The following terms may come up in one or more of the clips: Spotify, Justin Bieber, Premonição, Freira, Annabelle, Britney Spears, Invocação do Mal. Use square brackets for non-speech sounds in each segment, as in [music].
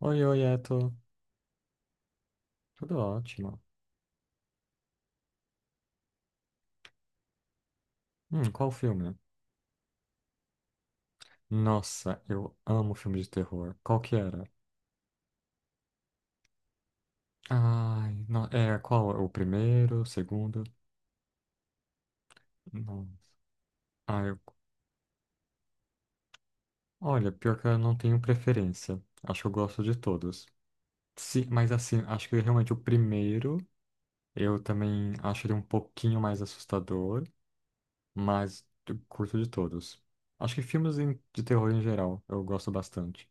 Oi, oi, é, tô. Tudo ótimo. Qual filme? Nossa, eu amo filme de terror. Qual que era? Ai, não, é, qual? O primeiro, o segundo? Nossa. Ai, eu- Olha, pior que eu não tenho preferência. Acho que eu gosto de todos. Sim, mas assim, acho que realmente o primeiro, eu também acho ele um pouquinho mais assustador, mas eu curto de todos. Acho que filmes de terror em geral, eu gosto bastante.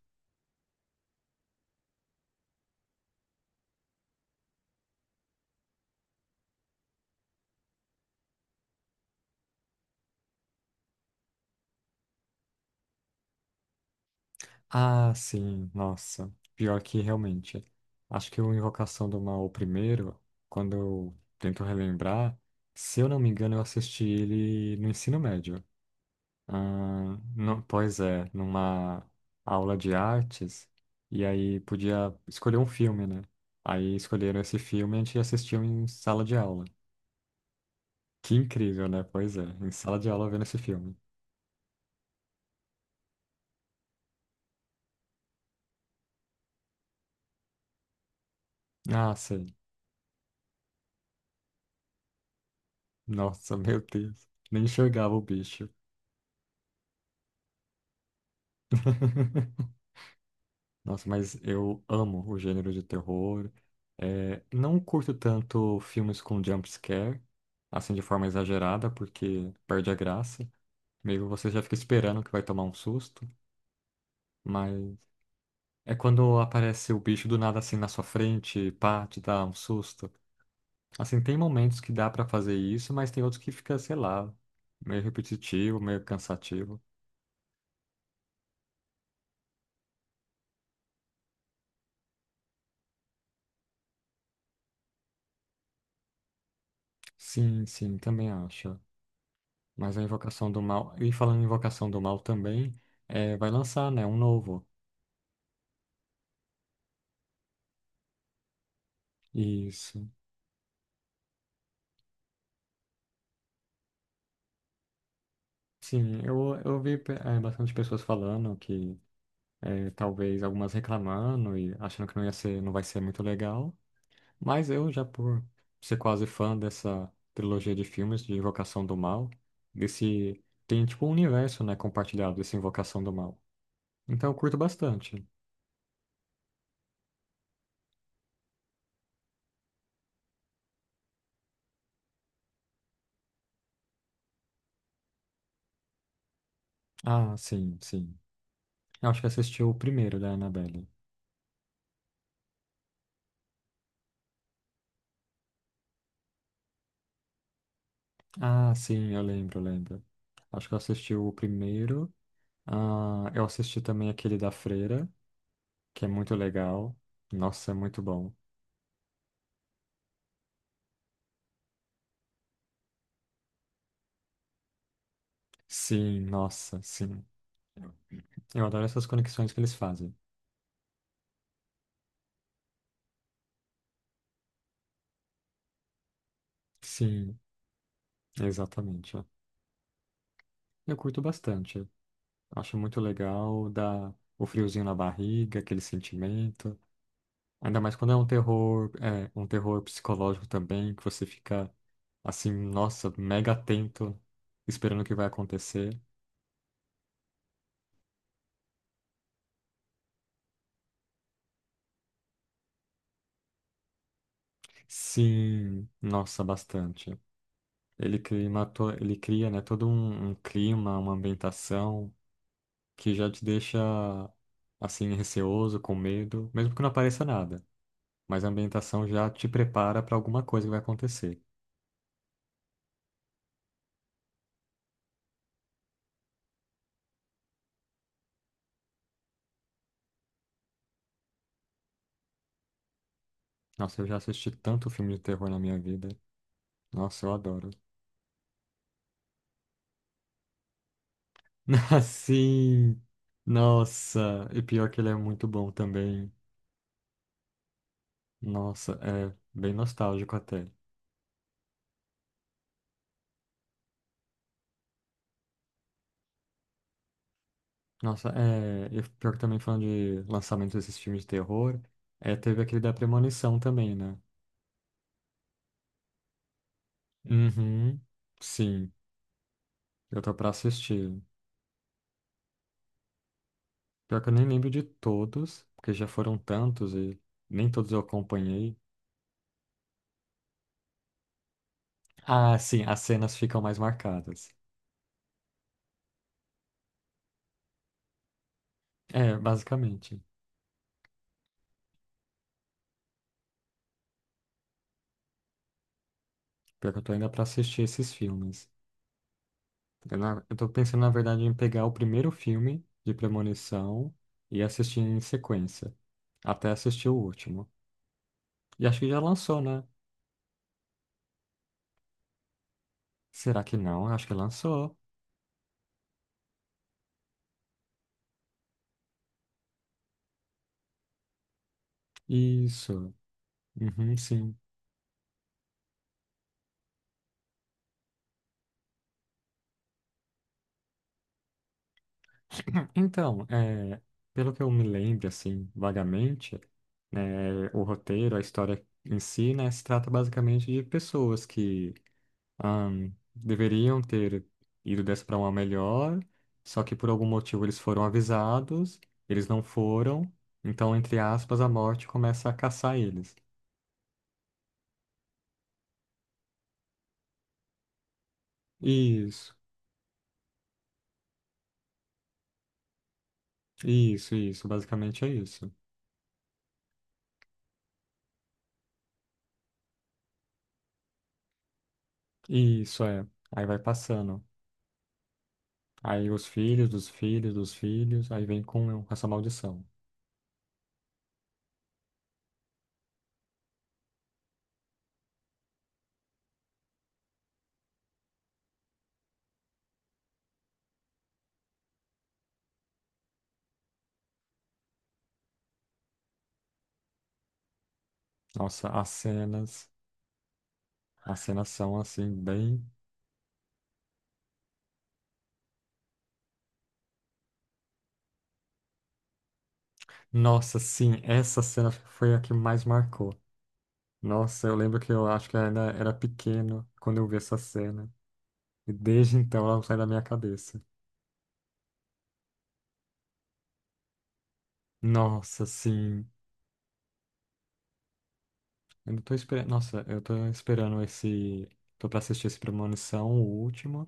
Ah, sim, nossa. Pior que realmente. Acho que o Invocação do Mal, o primeiro, quando eu tento relembrar, se eu não me engano, eu assisti ele no ensino médio. Ah, não, pois é, numa aula de artes, e aí podia escolher um filme, né? Aí escolheram esse filme e a gente assistiu em sala de aula. Que incrível, né? Pois é, em sala de aula vendo esse filme. Ah, sei. Nossa, [laughs] meu Deus. Nem enxergava o bicho. [laughs] Nossa, mas eu amo o gênero de terror. É, não curto tanto filmes com jump scare, assim de forma exagerada, porque perde a graça. Meio você já fica esperando que vai tomar um susto, mas é quando aparece o bicho do nada assim na sua frente, pá, te dá um susto. Assim, tem momentos que dá pra fazer isso, mas tem outros que fica, sei lá, meio repetitivo, meio cansativo. Sim, sim, também acho. Mas a Invocação do Mal, e falando em Invocação do Mal também, é, vai lançar, né, um novo. Isso. Sim, eu vi bastante pessoas falando que é, talvez algumas reclamando e achando que não ia ser, não vai ser muito legal. Mas eu já por ser quase fã dessa trilogia de filmes de Invocação do Mal, desse tem tipo um universo, né, compartilhado desse Invocação do Mal. Então eu curto bastante. Ah, sim, sim. Eu acho que assisti o primeiro da Annabelle. Ah, sim, eu lembro, eu lembro. Acho que eu assisti o primeiro. Ah, eu assisti também aquele da Freira, que é muito legal. Nossa, é muito bom. Sim, nossa, sim. Eu adoro essas conexões que eles fazem. Sim, exatamente. Eu curto bastante. Acho muito legal, dá o friozinho na barriga, aquele sentimento. Ainda mais quando é, um terror psicológico também, que você fica assim, nossa, mega atento, esperando o que vai acontecer. Sim, nossa, bastante. Ele cria, né, todo um clima, uma ambientação que já te deixa assim receoso, com medo, mesmo que não apareça nada. Mas a ambientação já te prepara para alguma coisa que vai acontecer. Nossa, eu já assisti tanto filme de terror na minha vida. Nossa, eu adoro. [laughs] Sim. Nossa, e pior que ele é muito bom também. Nossa, é bem nostálgico até. Nossa, é, e pior que também falando de lançamento desses filmes de terror, é, teve aquele da Premonição também, né? Uhum, sim, eu tô pra assistir. Pior que eu nem lembro de todos, porque já foram tantos e nem todos eu acompanhei. Ah, sim, as cenas ficam mais marcadas. É, basicamente. Pior que eu tô ainda pra assistir esses filmes. Eu tô pensando, na verdade, em pegar o primeiro filme de Premonição e assistir em sequência, até assistir o último. E acho que já lançou, né? Será que não? Acho que lançou. Isso. Uhum, sim. Então, é, pelo que eu me lembro, assim, vagamente, né, o roteiro, a história em si, né, se trata basicamente de pessoas que deveriam ter ido dessa para uma melhor, só que por algum motivo eles foram avisados, eles não foram, então, entre aspas, a morte começa a caçar eles. Isso, isso, basicamente é isso. Isso é. Aí vai passando. Aí os filhos dos filhos dos filhos, aí vem com essa maldição. Nossa, as cenas são assim, bem. Nossa, sim, essa cena foi a que mais marcou. Nossa, eu lembro que eu acho que eu ainda era pequeno quando eu vi essa cena. E desde então ela não sai da minha cabeça. Nossa, sim. Eu não tô esperando. Nossa, eu tô esperando esse. Tô pra assistir esse Premonição, o último.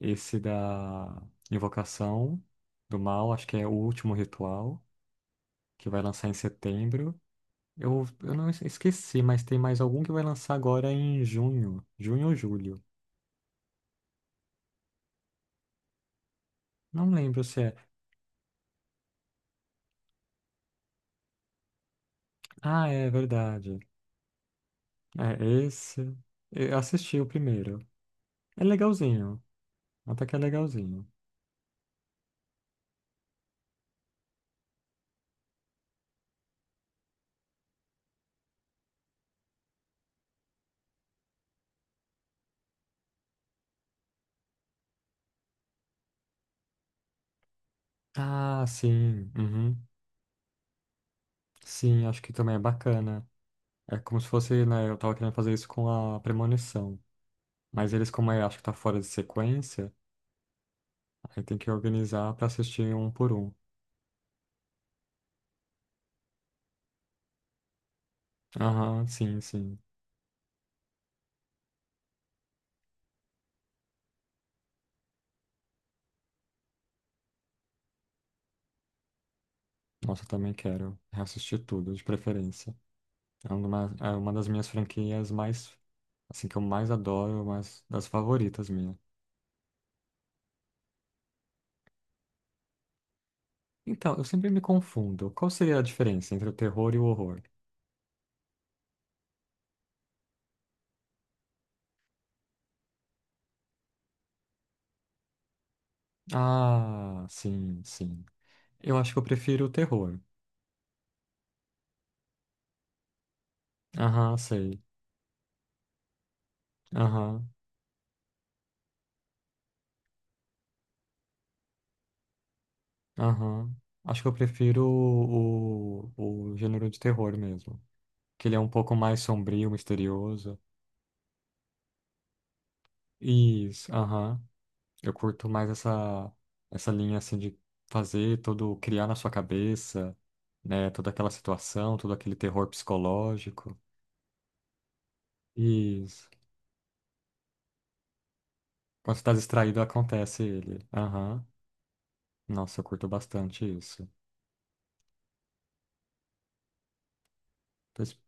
Esse da Invocação do Mal, acho que é o último ritual, que vai lançar em setembro. Eu não esqueci, mas tem mais algum que vai lançar agora em junho. Junho ou julho? Não lembro se é. Ah, é verdade. É, esse. Eu assisti o primeiro. É legalzinho. Até que é legalzinho. Ah, sim. Uhum. Sim, acho que também é bacana. É como se fosse, né? Eu tava querendo fazer isso com a premonição. Mas eles, como eu acho que tá fora de sequência, aí tem que organizar pra assistir um por um. Aham, sim, sim. Nossa, eu também quero reassistir tudo, de preferência. É uma das minhas franquias mais, assim, que eu mais adoro, mais das favoritas minhas. Então, eu sempre me confundo. Qual seria a diferença entre o terror e o horror? Ah, sim, sim. Eu acho que eu prefiro o terror. Aham, sei. Aham, aham. Acho que eu prefiro o gênero de terror mesmo. Que ele é um pouco mais sombrio, misterioso. Isso, aham. Eu curto mais essa linha assim de fazer todo, criar na sua cabeça, né? Toda aquela situação, todo aquele terror psicológico. Isso. Quando você tá distraído, acontece ele. Aham. Nossa, eu curto bastante isso. Tô, es-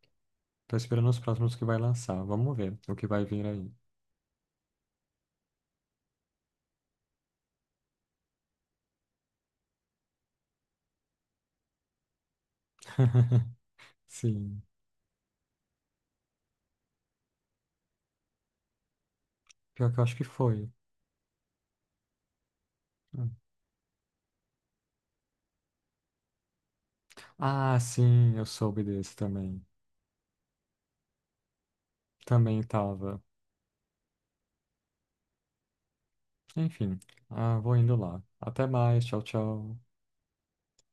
tô esperando os próximos que vai lançar. Vamos ver o que vai vir aí. [laughs] Sim. Pior que eu acho que foi. Hum. Ah, sim, eu soube desse também. Também tava. Enfim. Ah, vou indo lá. Até mais. Tchau, tchau.